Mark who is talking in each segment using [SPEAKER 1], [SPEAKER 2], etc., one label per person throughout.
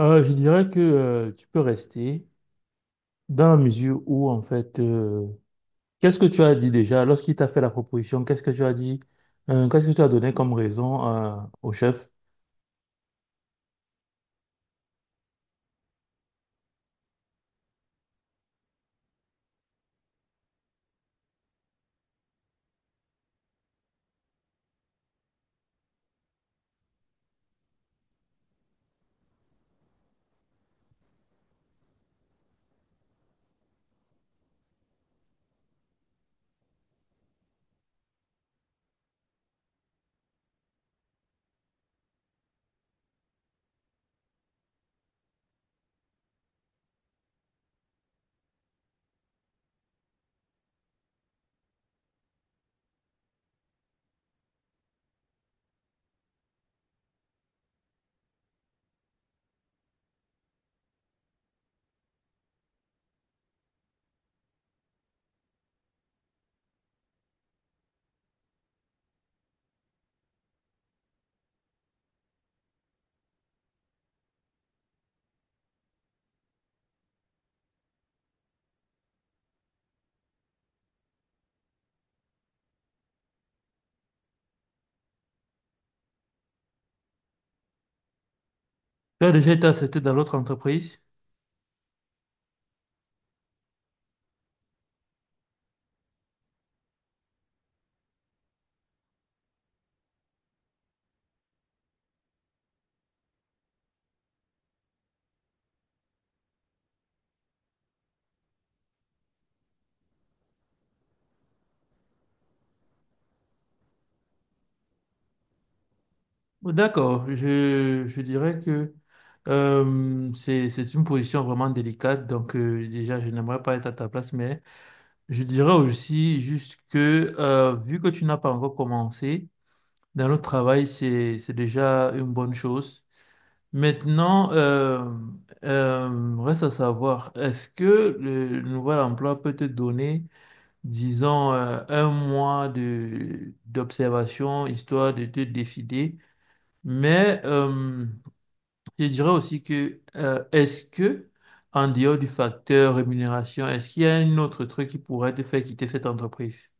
[SPEAKER 1] Je dirais que tu peux rester dans la mesure où, en fait, qu'est-ce que tu as dit déjà lorsqu'il t'a fait la proposition? Qu'est-ce que tu as dit? Qu'est-ce que tu as donné comme raison au chef? Tu as déjà été accepté dans l'autre entreprise? D'accord, je dirais que c'est une position vraiment délicate, donc déjà, je n'aimerais pas être à ta place, mais je dirais aussi juste que vu que tu n'as pas encore commencé dans le travail, c'est déjà une bonne chose. Maintenant, reste à savoir, est-ce que le nouvel emploi peut te donner, disons, un mois de d'observation, histoire de te décider, mais je dirais aussi que, est-ce que, en dehors du facteur rémunération, est-ce qu'il y a un autre truc qui pourrait te faire quitter cette entreprise?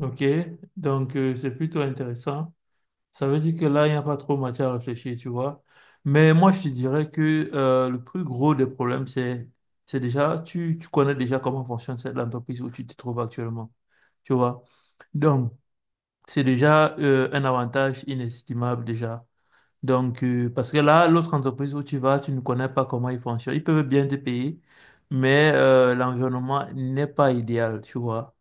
[SPEAKER 1] OK? Donc, c'est plutôt intéressant. Ça veut dire que là, il n'y a pas trop matière à réfléchir, tu vois. Mais moi, je te dirais que le plus gros des problèmes, c'est déjà, tu connais déjà comment fonctionne cette entreprise où tu te trouves actuellement, tu vois. Donc, c'est déjà un avantage inestimable déjà. Donc, parce que là, l'autre entreprise où tu vas, tu ne connais pas comment ils fonctionnent. Ils peuvent bien te payer, mais l'environnement n'est pas idéal, tu vois.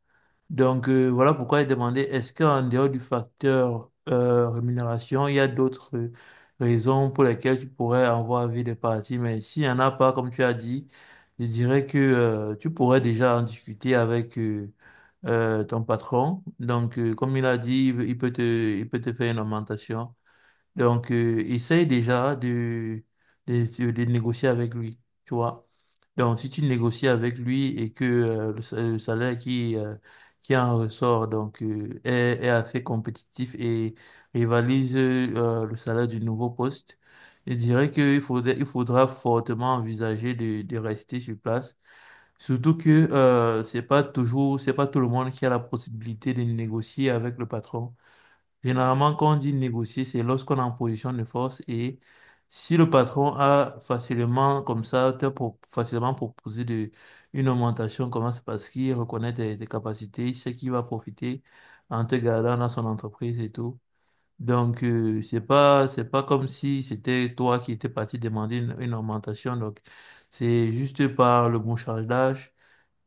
[SPEAKER 1] Donc voilà pourquoi j'ai demandé, est-ce qu'en dehors du facteur rémunération, il y a d'autres raisons pour lesquelles tu pourrais avoir envie de partir? Mais s'il n'y en a pas, comme tu as dit, je dirais que tu pourrais déjà en discuter avec ton patron. Donc comme il a dit, il peut te faire une augmentation. Donc, essaye déjà de négocier avec lui, tu vois. Donc, si tu négocies avec lui et que le salaire qui en ressort donc, est assez compétitif et rivalise le salaire du nouveau poste, je dirais qu'il faudrait, il faudra fortement envisager de rester sur place. Surtout que c'est pas tout le monde qui a la possibilité de négocier avec le patron. Généralement, quand on dit négocier, c'est lorsqu'on est en position de force et si le patron a facilement, comme ça, facilement proposé de, une augmentation, comment c'est parce qu'il reconnaît tes capacités, il sait qu'il va profiter en te gardant dans son entreprise et tout. Donc, c'est pas comme si c'était toi qui étais parti demander une augmentation. Donc, c'est juste par le bon charge d'âge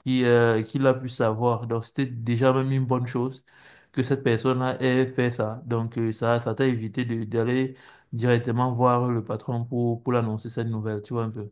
[SPEAKER 1] qui l'a pu savoir. Donc, c'était déjà même une bonne chose que cette personne-là ait fait ça. Donc, ça t'a évité de, d'aller directement voir le patron pour l'annoncer cette nouvelle, tu vois un peu.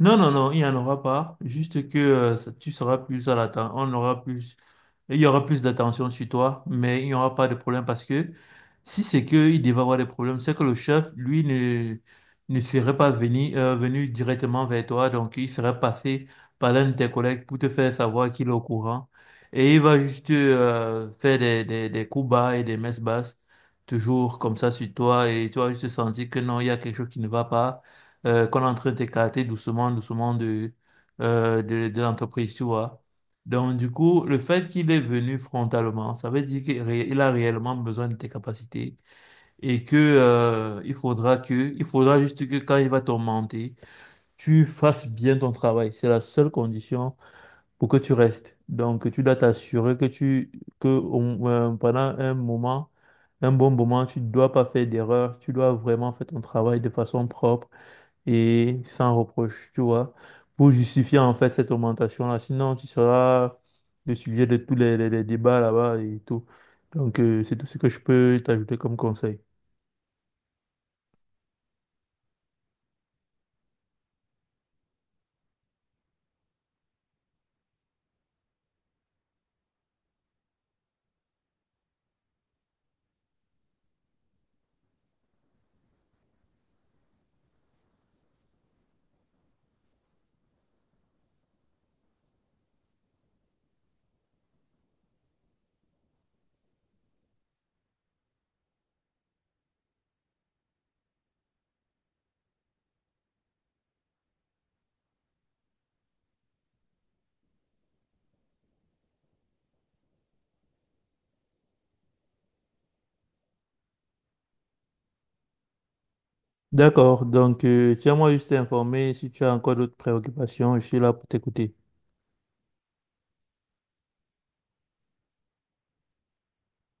[SPEAKER 1] Non, non, non, il n'y en aura pas. Juste que ça- tu seras plus à l'attente. On aura plus Il y aura plus d'attention sur toi, mais il n'y aura pas de problème parce que si c'est qu'il devait avoir des problèmes, c'est que le chef, lui, ne serait pas venu, venu directement vers toi, donc il serait passé par l'un de tes collègues pour te faire savoir qu'il est au courant. Et il va juste faire des coups bas et des messes basses, toujours comme ça sur toi, et tu vas juste sentir que non, il y a quelque chose qui ne va pas, qu'on est en train d'écarter doucement, doucement de l'entreprise, tu vois. Donc, du coup, le fait qu'il est venu frontalement, ça veut dire il a réellement besoin de tes capacités et que, il faudra juste que quand il va t'augmenter, tu fasses bien ton travail. C'est la seule condition pour que tu restes. Donc, tu dois t'assurer pendant un bon moment, tu ne dois pas faire d'erreur. Tu dois vraiment faire ton travail de façon propre et sans reproche, tu vois, pour justifier en fait cette augmentation-là. Sinon, tu seras le sujet de tous les débats là-bas et tout. Donc, c'est tout ce que je peux t'ajouter comme conseil. D'accord, donc tiens-moi juste informé si tu as encore d'autres préoccupations, je suis là pour t'écouter.